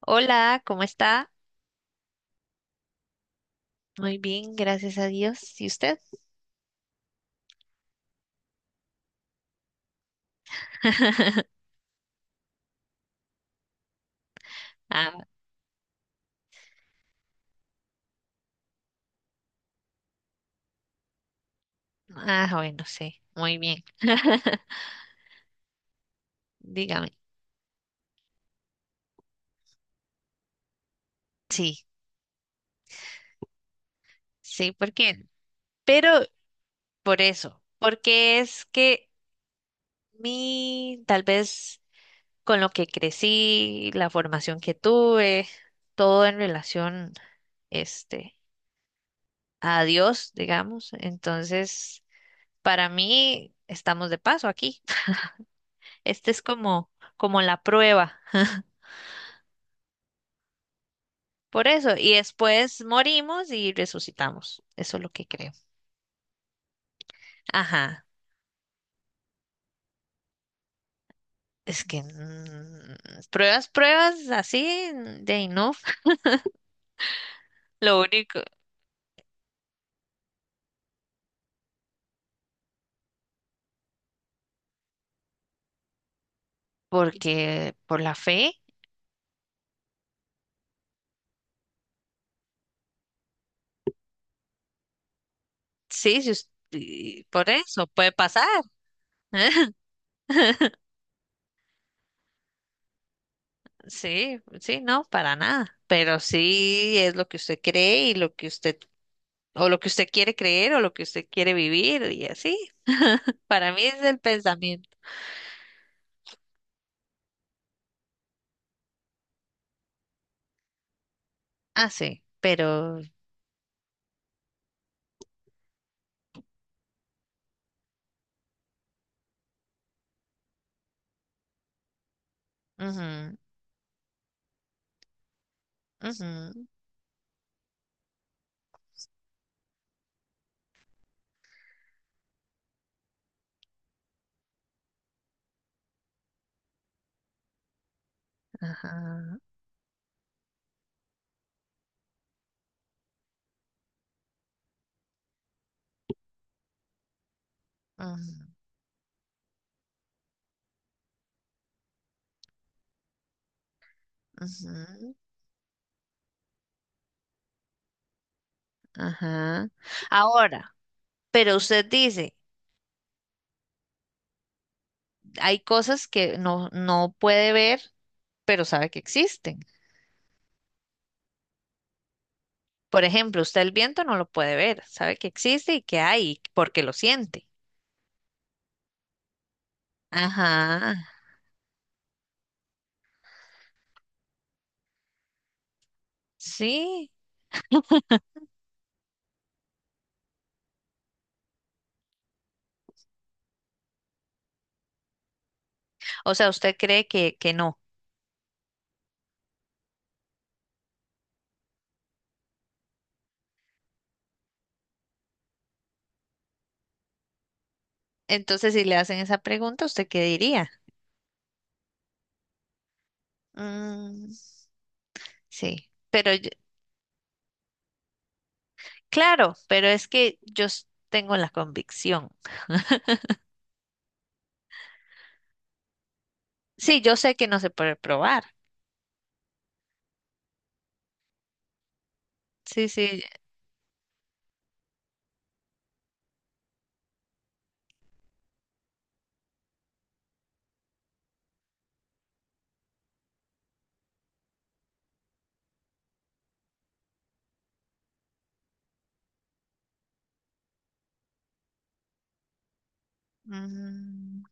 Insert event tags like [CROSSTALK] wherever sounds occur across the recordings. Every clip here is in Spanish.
Hola, ¿cómo está? Muy bien, gracias a Dios. ¿Y usted? [LAUGHS] Ah, ah, bueno, sí, muy bien. [LAUGHS] Dígame. Sí, sí, ¿por qué? Pero por eso, porque es que tal vez con lo que crecí, la formación que tuve, todo en relación, este, a Dios, digamos. Entonces, para mí, estamos de paso aquí. [LAUGHS] Este es como, como la prueba. [LAUGHS] Por eso, y después morimos y resucitamos. Eso es lo que creo. Ajá. Es que pruebas, pruebas así de ahí no. [LAUGHS] Lo único, porque por la fe, sí, si us- y por eso puede pasar. [LAUGHS] Sí, sí, no, para nada. Pero sí es lo que usted cree y lo que o lo que usted quiere creer o lo que usted quiere vivir y así. Para mí es el pensamiento. Ah, sí, pero... Ujú, ujú, ajá. Ujú, ujú, ajá. Ahora, pero usted dice, hay cosas que no puede ver, pero sabe que existen. Por ejemplo, usted el viento no lo puede ver, sabe que existe y que hay, porque lo siente. Ajá, sí. O sea, usted cree que no. Entonces, si le hacen esa pregunta, ¿usted qué diría? Mm, sí, claro, pero es que tengo la convicción. Sí, yo sé que no se puede probar. Sí, sí, mm,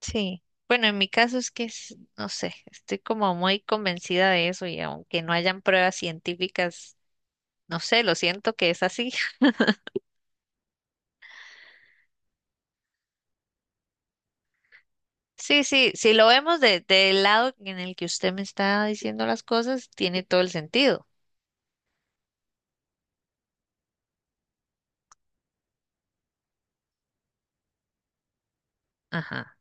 sí, bueno, en mi caso no sé, estoy como muy convencida de eso y aunque no hayan pruebas científicas, no sé, lo siento que es así. [LAUGHS] Sí, sí, si lo vemos del lado en el que usted me está diciendo las cosas, tiene todo el sentido. Ajá.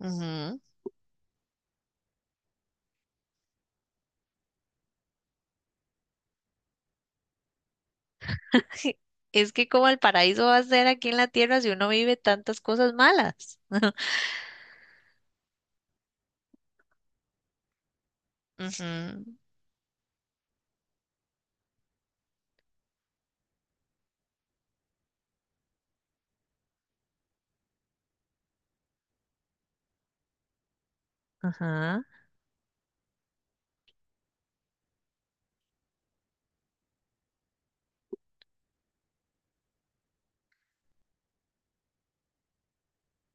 Ujú. [LAUGHS] Es que como el paraíso va a ser aquí en la tierra si uno vive tantas cosas malas. [LAUGHS] Ujú, ajá.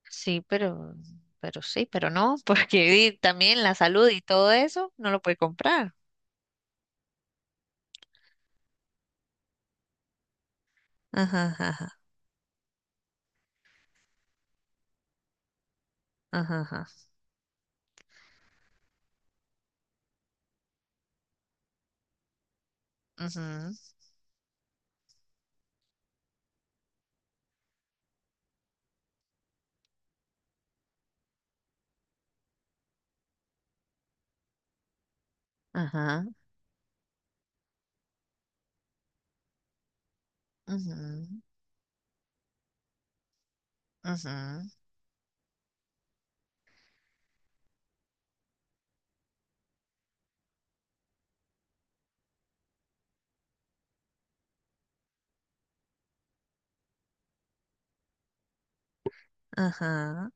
Sí, pero sí, pero no, [LAUGHS] porque también la salud y todo eso no lo puede comprar. Ajá, ajá, ajá, ajá, ujú, ajá, ujú, ajá, ajá,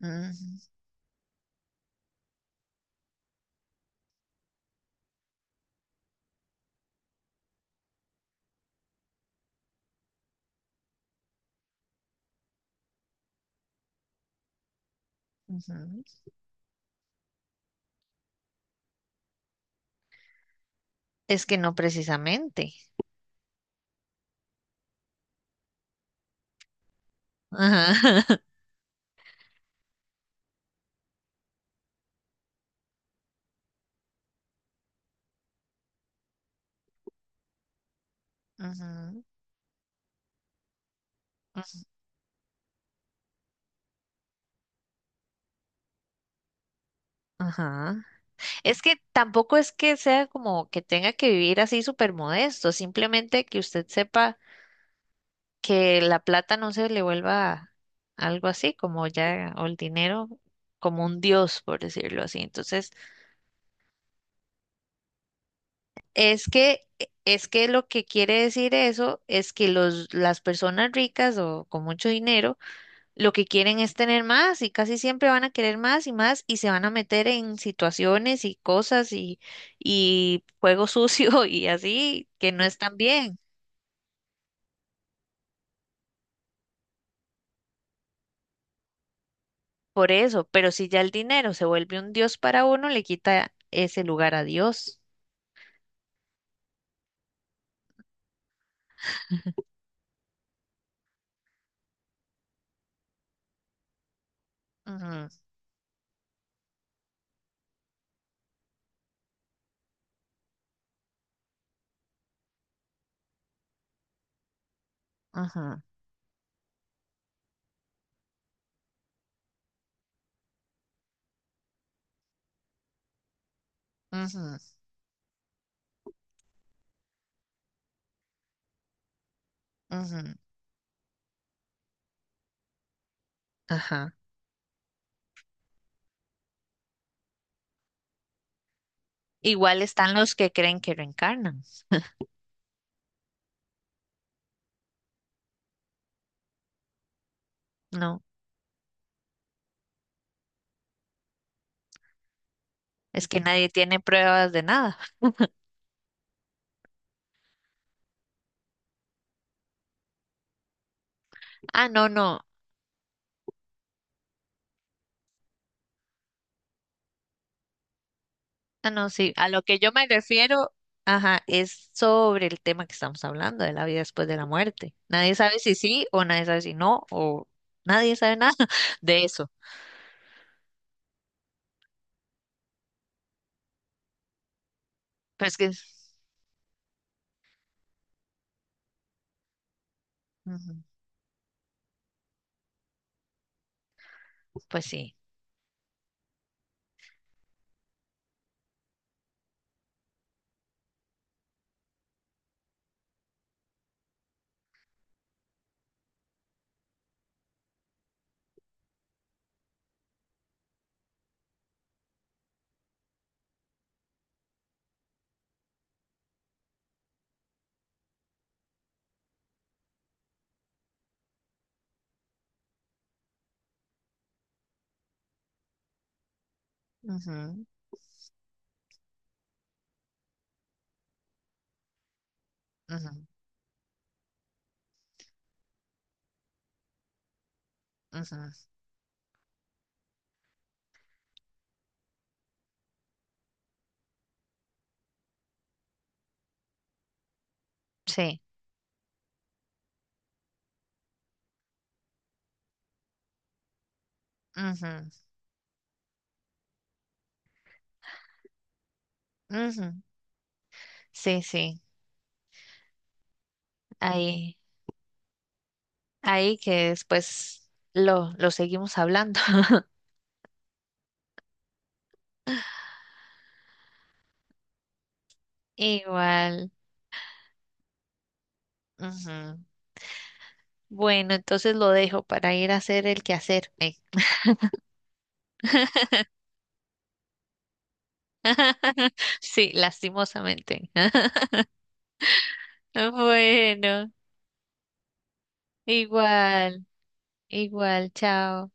ujú, ujú. Es que no precisamente. Ajá, [LAUGHS] ujú, ajá. Es que tampoco es que sea como que tenga que vivir así súper modesto, simplemente que usted sepa, que la plata no se le vuelva algo así, como ya, o el dinero como un dios, por decirlo así. Entonces, es que, es que lo que quiere decir eso es que las personas ricas o con mucho dinero, lo que quieren es tener más y casi siempre van a querer más y más y se van a meter en situaciones y cosas y juego sucio [LAUGHS] y así que no están bien. Por eso, pero si ya el dinero se vuelve un dios para uno, le quita ese lugar a Dios. Ujú, ujú, ujú, ujú, ajá. Igual están los que creen que reencarnan. No, es que nadie tiene pruebas de nada. Ah, no, no. Ah, no, sí. A lo que yo me refiero, ajá, es sobre el tema que estamos hablando, de la vida después de la muerte. Nadie sabe si sí o nadie sabe si no, o nadie sabe nada [LAUGHS] de eso. Pero es que, ujú, pues sí. Ujú, ujú, ujú, sí. Ujú, ujú, sí, sí. Ahí. Ahí que después lo seguimos hablando. [LAUGHS] Igual. Ujú. Bueno, entonces lo dejo para ir a hacer el quehacer. Ey. [LAUGHS] Sí, lastimosamente. [LAUGHS] Bueno, igual, igual, chao.